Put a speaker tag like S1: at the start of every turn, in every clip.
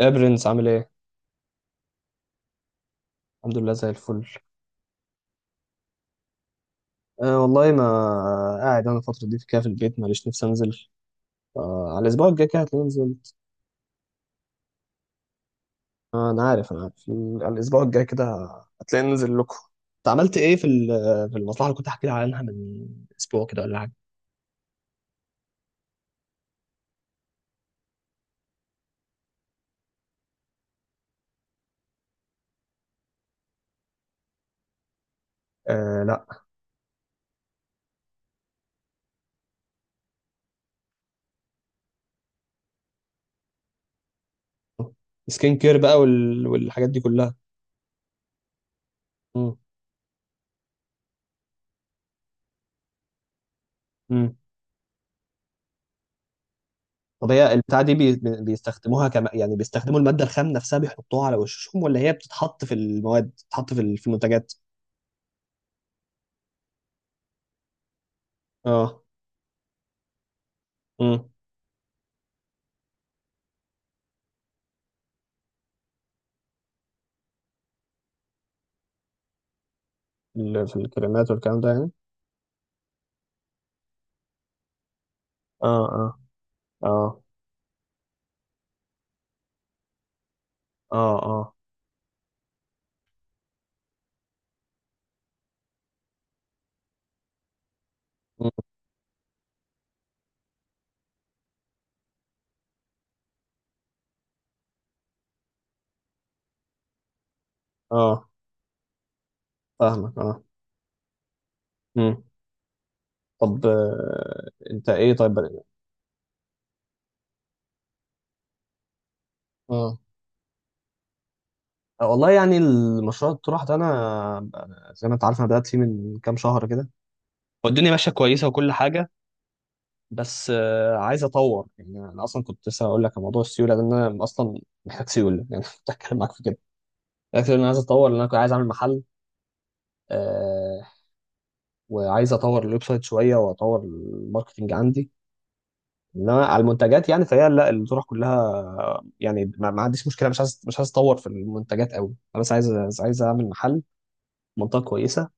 S1: يا برنس عامل ايه؟ الحمد لله زي الفل. أه والله ما... قاعد انا الفترة دي كده في البيت ماليش نفسي انزل. أه على الاسبوع الجاي كده هتلاقيني نزلت. أه انا عارف. على الاسبوع الجاي كده هتلاقيني ننزل لكم. انت عملت ايه في المصلحة اللي كنت احكي لك عنها من اسبوع كده ولا حاجة؟ أه لا. سكين كير بقى والحاجات دي كلها. مم. مم. طب هي البتاع دي يعني بيستخدموا المادة الخام نفسها بيحطوها على وشهم ولا هي بتتحط في المواد في المنتجات؟ اه. في الكلمات والكلام ده يعني. اه اه اه اه اه. مم. اه فاهمك اه. مم. طب انت ايه، طيب بدأ. اه. والله يعني المشروع الطروحة ده انا، أنا زي ما انت عارف انا بدأت فيه من كام شهر كده، والدنيا ماشية كويسة وكل حاجة. بس عايز اطور، يعني انا اصلا كنت لسه هقول لك عن موضوع السيولة ده إن انا اصلا محتاج سيولة يعني كنت هتكلم معاك في كده. لكن انا عايز اطور لان انا كنت عايز اعمل محل. آه وعايز اطور الويب سايت شوية واطور الماركتنج عندي، انما على المنتجات يعني فهي لا الطرح كلها يعني ما عنديش مشكله، مش عايز اطور في المنتجات قوي. انا بس عايز اعمل محل، منطقه كويسه،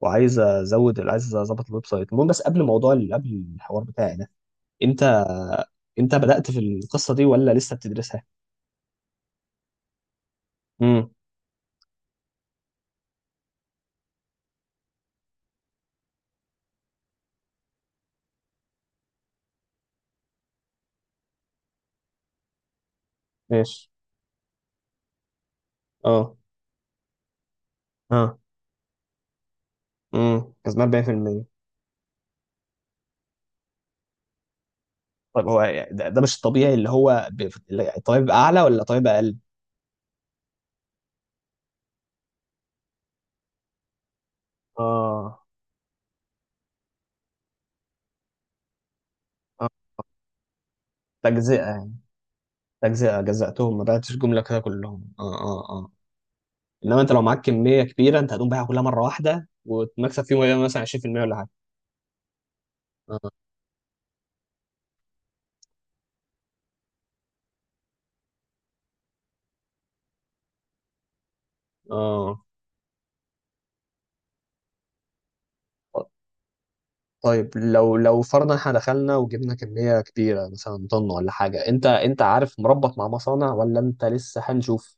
S1: وعايز ازود عايز اظبط الويب سايت. المهم بس قبل موضوع قبل الحوار بتاعي ده، انت انت بدأت في القصه دي ولا لسه بتدرسها؟ امم. ماشي. اه. اه. امم، كسبان 40%. طيب هو ده مش الطبيعي، اللي هو الطبيعي بقى اعلى ولا الطبيعي بقى اقل؟ اه. اه. تجزئه يعني، تجزئه، جزأتهم ما بعتش جمله كده كلهم. اه اه اه. انما انت لو معاك كميه كبيره انت هتقوم بايعها كلها مره واحده وتكسب فيهم مثلا 20% ولا حاجه. آه. اه. طيب لو فرضا احنا دخلنا وجبنا كميه كبيره مثلا طن ولا حاجه، انت عارف مربط مع مصانع ولا انت لسه هنشوف؟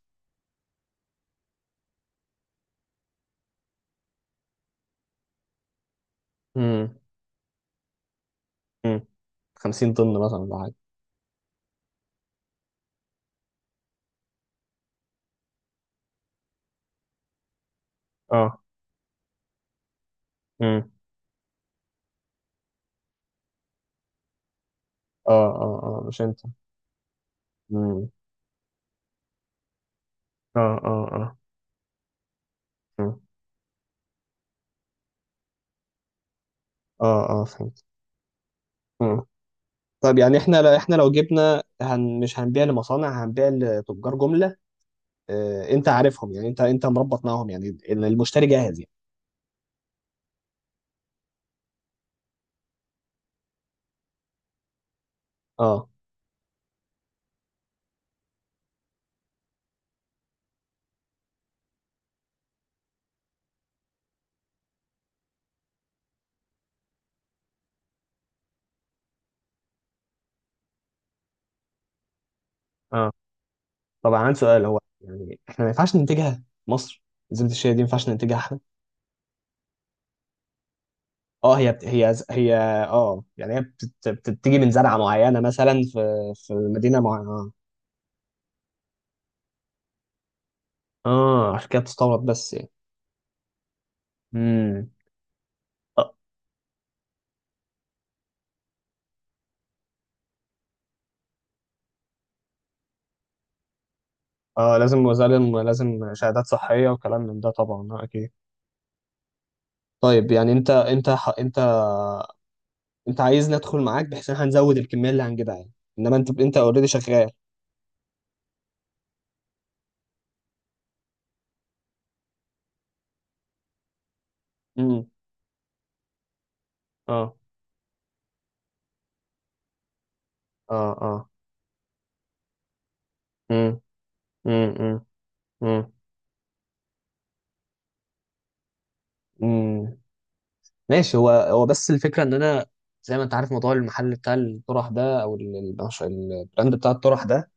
S1: امم امم 50 طن مثلا ولا حاجه. اه. امم اه اه اه مش انت. امم. اه اه اه. مم. اه اه فهمت. مم. طيب يعني احنا لو جبنا مش هنبيع لمصانع، هنبيع لتجار جمله. انت عارفهم، يعني انت مربط معاهم، يعني المشتري جاهز يعني؟ اه. اه. طبعا عندي سؤال، هو يعني احنا ما ينفعش ننتجها مصر؟ زبدة الشيا دي ما ينفعش ننتجها احنا؟ اه هي. اه يعني هي بتتيجي من زرعة معينة مثلا في مدينة معينة. اه عشان كده بتستورد بس يعني. امم. اه لازم شهادات صحية وكلام من ده طبعا، اكيد. طيب يعني انت انت ح- انت انت عايزني ادخل معاك بحيث ان احنا هنزود الكمية اللي هنجيبها يعني، انما انت اوريدي شغال. اه اه اه. امم امم امم امم ماشي. هو بس الفكره ان انا، زي ما انت عارف موضوع المحل بتاع الطرح ده، او البراند بتاع الطرح ده،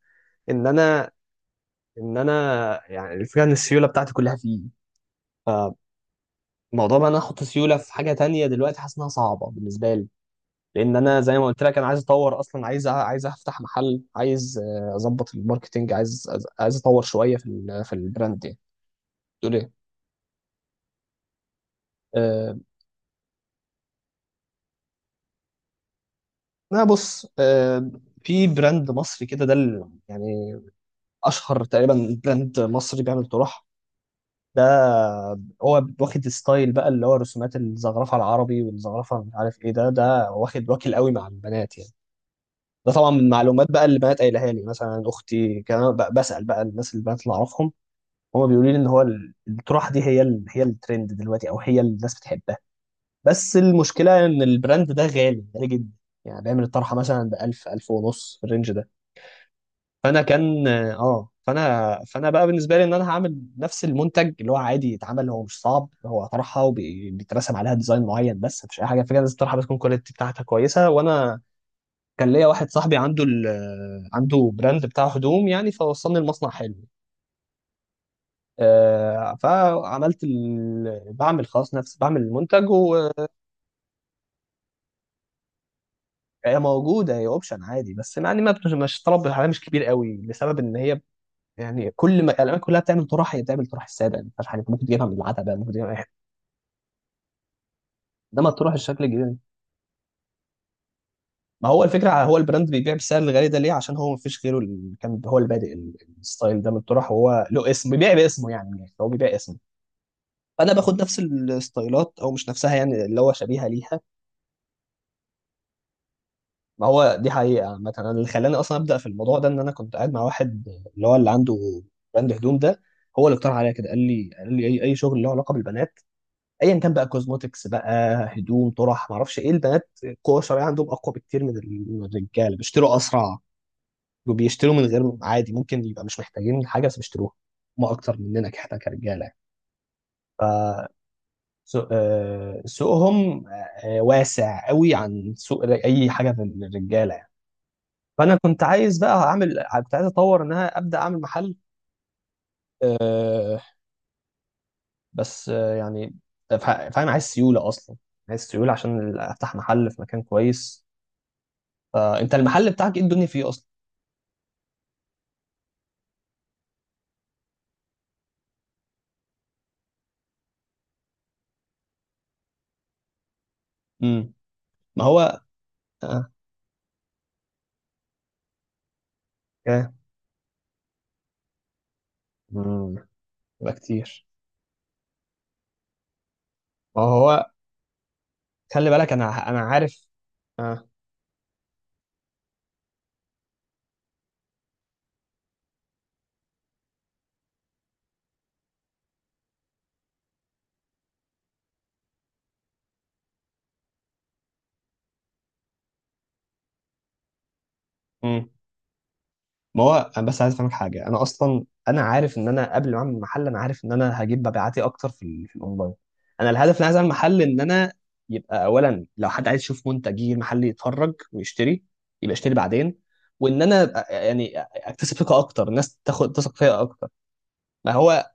S1: ان انا ان انا يعني الفكره ان السيوله بتاعتي كلها فيه. فموضوع بقى ان انا احط سيوله في حاجه تانية دلوقتي حاسس انها صعبه بالنسبه لي، لان انا زي ما قلت لك انا عايز اطور اصلا، عايز عايز افتح محل، عايز اظبط الماركتينج، عايز اطور شويه في البراند يعني. تقول ايه؟ آه، لا بص، في براند مصري كده، ده يعني اشهر تقريبا براند مصري بيعمل طرح. ده هو واخد ستايل بقى، اللي هو رسومات الزخرفه العربي والزخرفه مش عارف ايه، ده واخد واكل قوي مع البنات يعني. ده طبعا من معلومات بقى اللي البنات قايلها لي، مثلا اختي، كان أنا بسال بقى الناس البنات اللي اعرفهم، هما بيقولوا لي ان هو الطرح دي هي هي الترند دلوقتي، او هي اللي الناس بتحبها. بس المشكله ان البراند ده غالي غالي جدا، يعني بيعمل الطرحه مثلا ب 1000، 1000 ونص في الرينج ده. فانا كان اه فانا فانا بقى بالنسبه لي ان انا هعمل نفس المنتج اللي هو عادي يتعمل، هو مش صعب، هو طرحه وبيترسم عليها ديزاين معين، بس مفيش اي حاجه، فكره لازم الطرحه بتكون كواليتي بتاعتها كويسه. وانا كان ليا واحد صاحبي عنده براند بتاع هدوم يعني، فوصلني المصنع حلو. بعمل خلاص نفس، بعمل المنتج. وهي موجوده، هي اوبشن عادي، بس يعني ما بتش- مش طلب عليها مش كبير قوي، لسبب ان هي يعني كل ما الالوان كلها بتعمل طرح، هي بتعمل طرح الساده، يعني ما فيهاش حاجه، أنت ممكن تجيبها من العتبه، ممكن تجيبها من اي حته. انما الطرح الشكل الجديد، ما هو الفكره هو البراند بيبيع بالسعر الغالي ده ليه؟ عشان هو ما فيش غيره، اللي كان هو اللي بادئ الستايل ده من الطرح، وهو له اسم بيبيع باسمه، يعني هو بيبيع اسمه. فانا باخد نفس الستايلات او مش نفسها يعني، اللي هو شبيهه ليها. ما هو دي حقيقه، مثلا اللي خلاني اصلا ابدا في الموضوع ده ان انا كنت قاعد مع واحد، اللي هو اللي عنده براند هدوم ده، هو اللي اقترح عليا كده، قال لي اي شغل له علاقه بالبنات، ايا كان بقى، كوزموتكس بقى، هدوم، طرح، ما اعرفش ايه، البنات القوه الشرعيه عندهم اقوى بكتير من الرجاله، بيشتروا اسرع، وبيشتروا من غير، عادي ممكن يبقى مش محتاجين حاجه بس بيشتروها، ما اكتر مننا، احنا كرجاله يعني. سوقهم واسع قوي عن سوق اي حاجه في الرجاله يعني. فانا كنت عايز بقى اعمل، كنت عايز اطور ان انا ابدا اعمل محل. آه، بس يعني، فاهم، عايز سيوله اصلا، عايز سيوله عشان افتح محل في مكان كويس. انت المحل بتاعك ايه الدنيا فيه اصلا؟ امم. ما هو اه آه، مم. يبقى كتير. ما هو خلي بالك، انا عارف. اه. امم. ما هو انا بس عايز افهمك حاجه، انا اصلا انا عارف ان انا قبل ما اعمل محل انا عارف ان انا هجيب مبيعاتي اكتر في الاونلاين. انا الهدف اللي عايز اعمل محل ان انا يبقى اولا، لو حد عايز يشوف منتج يجي المحل يتفرج ويشتري، يبقى يشتري بعدين، وان انا يعني اكتسب ثقه اكتر، الناس تاخد تثق فيا اكتر. ما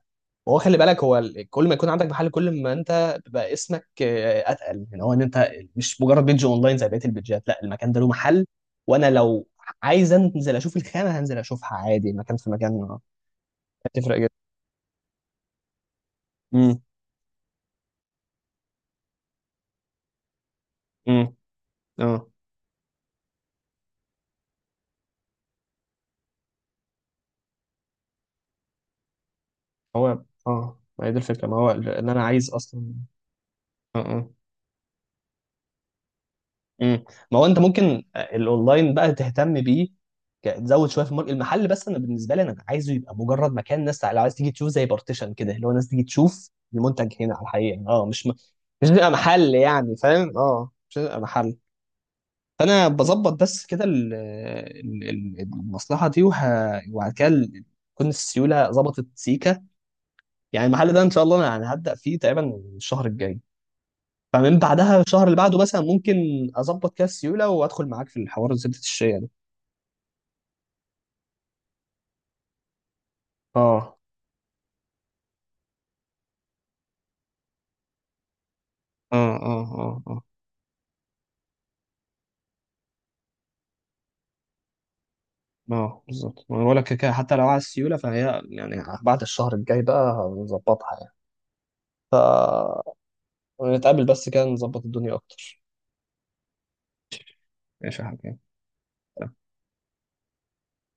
S1: هو خلي بالك، هو كل ما يكون عندك محل كل ما انت بيبقى اسمك اتقل، يعني هو ان انت مش مجرد بيج اونلاين زي بقيه البيجات، لا المكان ده له محل. وانا لو عايز انزل اشوف الخامه هنزل اشوفها عادي، مكان في مكان، هتفرق جدا. امم. امم. اه. هو اه ما هي دي الفكره، ما هو ان انا عايز اصلا. اه. اه. مم. ما هو انت ممكن الاونلاين بقى تهتم بيه، تزود شويه في الماركت، المحل بس انا بالنسبه لي انا عايزه يبقى مجرد مكان، ناس لو عايز تيجي تشوف، زي بارتيشن كده، اللي هو الناس تيجي تشوف المنتج هنا على الحقيقه، اه مش مش بيبقى محل يعني، فاهم؟ اه مش بيبقى محل. فانا بظبط بس كده المصلحه دي وبعد كده تكون السيوله ظبطت سيكا. يعني المحل ده ان شاء الله انا يعني هبدا فيه تقريبا الشهر الجاي. فمن بعدها الشهر اللي بعده مثلا ممكن اظبط كده السيوله وادخل معاك في الحوار زبده الشيا ده. اه اه اه اه اه اه. بالظبط ما أنا بقول لك، كده كده، حتى لو على السيوله فهي يعني، بعد الشهر الجاي بقى هنظبطها يعني. ف، نتقابل بس كده نظبط الدنيا اكتر. ماشي يا حبيبي.